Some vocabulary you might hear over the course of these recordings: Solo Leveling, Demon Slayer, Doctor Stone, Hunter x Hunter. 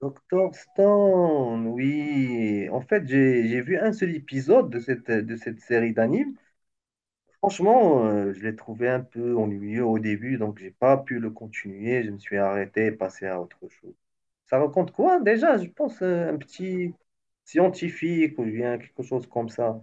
Doctor Stone, oui. En fait, j'ai vu un seul épisode de cette série d'anime. Franchement, je l'ai trouvé un peu ennuyeux au début, donc j'ai pas pu le continuer. Je me suis arrêté et passé à autre chose. Ça raconte quoi déjà? Je pense un petit scientifique ou bien quelque chose comme ça.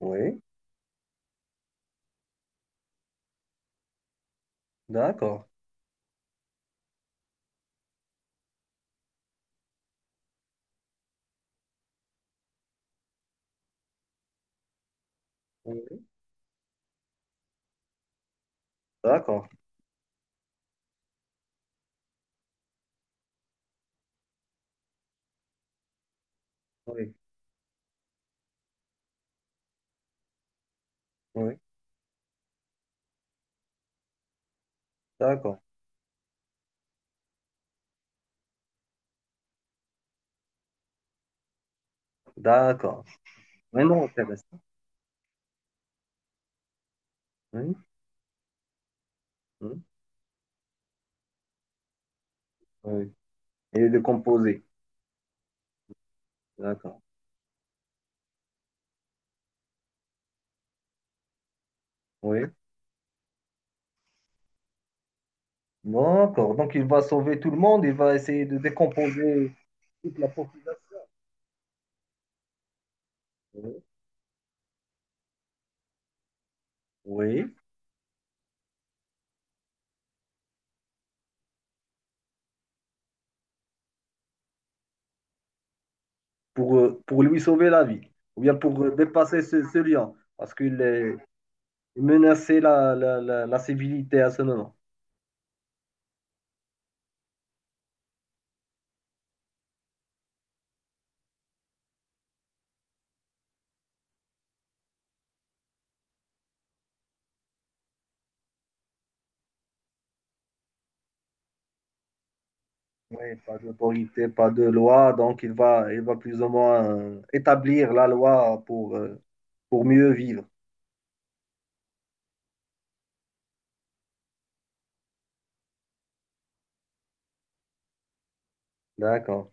Oui, d'accord. Oui, d'accord. Oui, oui, d'accord. D'accord. Vraiment intéressant. Oui, oui, oui. Et le composé. D'accord. Oui. D'accord. Donc, il va sauver tout le monde, il va essayer de décomposer toute la population. Oui, pour lui sauver la vie, ou bien pour dépasser ce, ce lion, parce qu'il est il menaçait la, la, la, la civilité à ce moment. Oui, pas d'autorité, pas de loi, donc il va plus ou moins établir la loi pour mieux vivre. D'accord.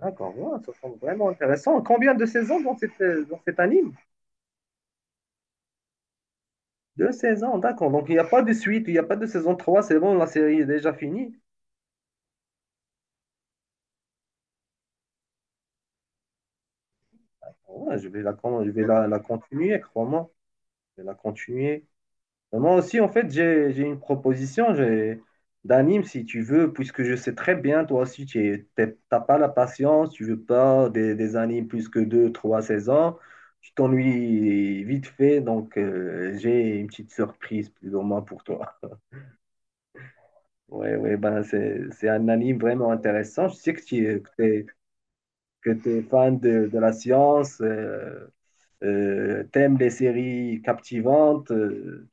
D'accord, ouais, ça semble vraiment intéressant. Combien de saisons dans cette, dans cet anime? Deux saisons, d'accord. Donc, il n'y a pas de suite, il n'y a pas de saison 3. C'est bon, la série est déjà finie. Ouais, je vais la, je vais la, la continuer, crois-moi. Je vais la continuer. Mais moi aussi, en fait, j'ai une proposition j'ai, d'anime, si tu veux, puisque je sais très bien, toi aussi, tu n'as pas la patience, tu veux pas des, des animes plus que deux, trois saisons. Tu t'ennuies vite fait, donc j'ai une petite surprise, plus ou moins, pour toi. Ouais, ouais, ben, c'est un anime vraiment intéressant. Je sais que tu es Que tu es fan de la science, t'aimes les séries captivantes.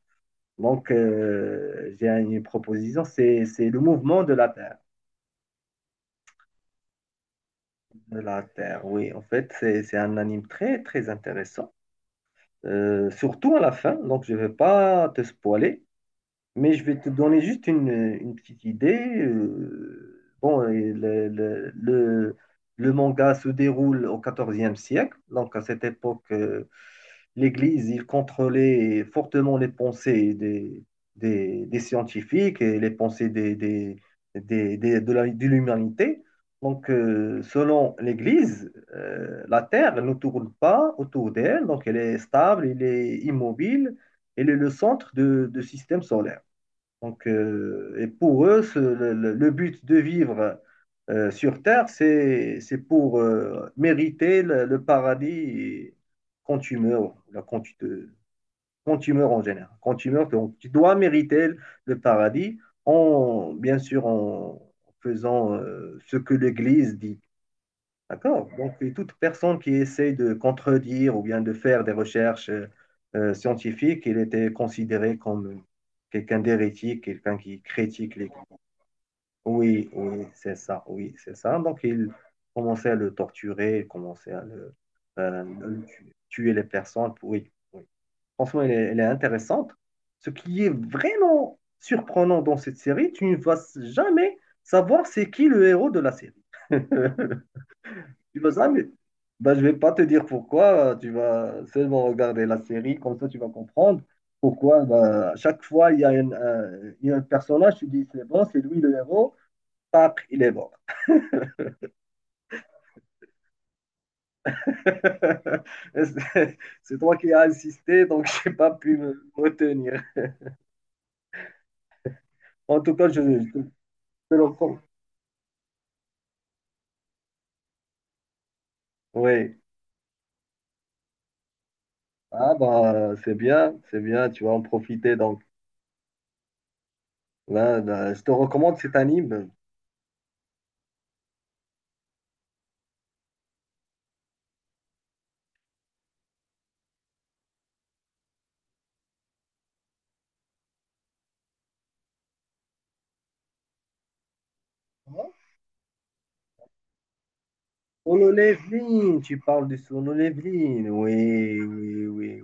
Donc, j'ai une proposition, c'est le mouvement de la Terre. De la Terre, oui. En fait, c'est un anime très, très intéressant. Surtout à la fin, donc je ne vais pas te spoiler, mais je vais te donner juste une petite idée. Bon, et le, le manga se déroule au 14 siècle, donc à cette époque, l'Église, il contrôlait fortement les pensées des scientifiques et les pensées des- de la- de l'humanité. Donc, selon l'Église, la Terre ne tourne pas autour d'elle, donc elle est stable, elle est immobile, elle est le centre de- du système solaire. Donc, et pour eux, ce- le but de vivre sur Terre, c'est pour mériter le paradis quand tu meurs, là, quand tu te- quand tu meurs en général. Quand tu meurs, donc, tu dois mériter le paradis en, bien sûr, en faisant ce que l'Église dit. D'accord. Donc, et toute personne qui essaie de contredire ou bien de faire des recherches scientifiques, il était considéré comme quelqu'un d'hérétique, quelqu'un qui critique les... Oui, oui, c'est ça, oui, c'est ça. Donc, il commençait à le torturer, il commençait à le tuer, tuer les personnes. Pour- oui, oui. Franchement, elle est intéressante. Ce qui est vraiment surprenant dans cette série, tu ne vas jamais savoir c'est qui le héros de la série. Tu vas jamais. Ben, je vais pas te dire pourquoi, tu vas seulement regarder la série, comme ça tu vas comprendre pourquoi ben, à chaque fois il y a, une, un, il y a un personnage, tu dis c'est bon, c'est lui le héros, tac, il est mort. Et c'est toi qui as insisté, donc j'ai pas pu me retenir. En tout cas, je, je te le recommande. Oui, ah ben, c'est bien, tu vas en profiter. Donc là, là, je te recommande cet anime. Solo Leveling, tu parles de Solo Leveling. Oui, oui, oui, oui.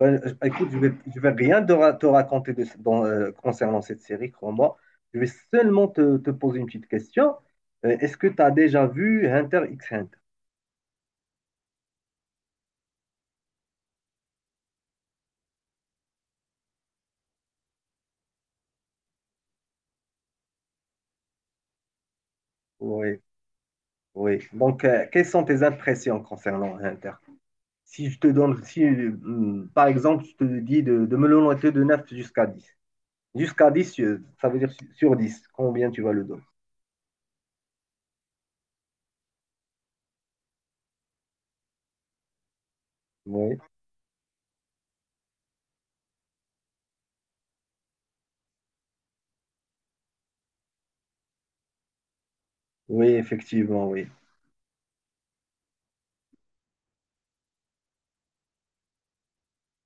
Ben, je- écoute, je vais rien te, te raconter de ce- dans, concernant cette série, crois-moi. Je vais seulement te, te poser une petite question. Est-ce que tu as déjà vu Hunter x Hunter? Oui, oui. Donc, quelles sont tes impressions concernant Hunter? Si je te donne, si, par exemple, je te dis de me le noter de 9 jusqu'à 10, jusqu'à 10, ça veut dire sur 10. Combien tu vas le donner? Oui, oui, effectivement, oui.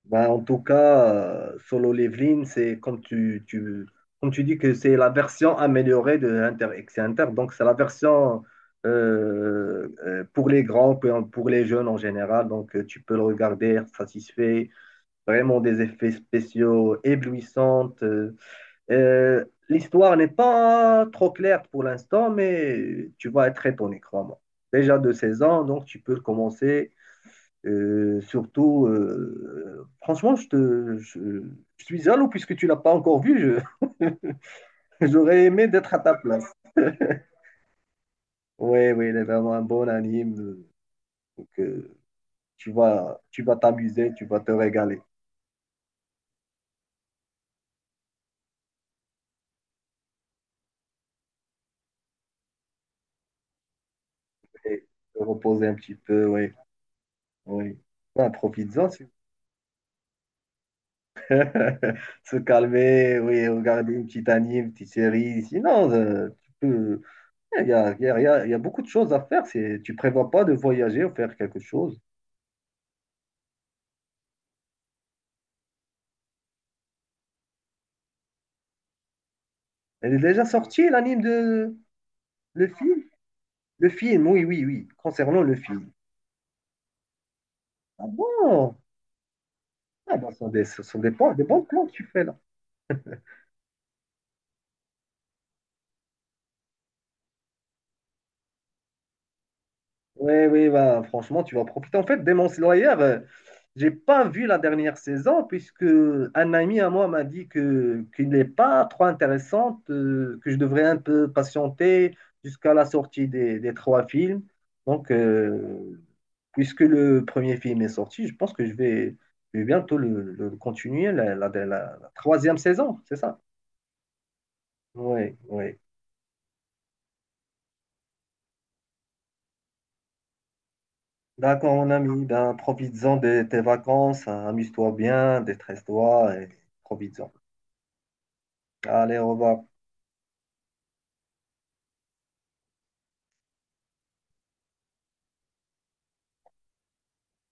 Ben, en tout cas, Solo Leveling, c'est comme tu, comme tu dis que c'est la version améliorée de Inter X Inter. Donc, c'est la version pour les grands, pour les jeunes en général. Donc, tu peux le regarder, être satisfait. Vraiment des effets spéciaux éblouissants. L'histoire n'est pas trop claire pour l'instant, mais tu vas être étonné, crois-moi. Déjà de 16 ans, donc tu peux commencer surtout, franchement, je, te, je suis jaloux puisque tu l'as pas encore vu. Je- j'aurais aimé d'être à ta place. Oui, oui, il est vraiment un bon anime. Donc, tu vas t'amuser, tu vas te régaler et te reposer un petit peu. Oui, oui. Ben, profites-en, tu- se calmer, oui, regarder une petite anime, une petite série. Sinon, tu peux. Il y a, il y a- il y a- il y a beaucoup de choses à faire. C'est, tu prévois pas de voyager ou faire quelque chose. Elle est déjà sortie, l'anime de. Le film? Le film, oui, oui, oui. Concernant le film. Ah bon? Ah bah, ce sont des bons plans que tu fais là. Oui, oui, bah, franchement, tu vas profiter. En fait, Demon Slayer, j'ai pas vu la dernière saison puisque un ami à moi m'a dit que qu'il n'est pas trop intéressante, que je devrais un peu patienter jusqu'à la sortie des trois films. Donc, puisque le premier film est sorti, je pense que je vais bientôt le continuer, la- la- la troisième saison, c'est ça? Oui, oui. D'accord, mon ami, ben, profites-en de tes vacances, hein, amuse-toi bien, détresse-toi et profites-en. Allez, au revoir.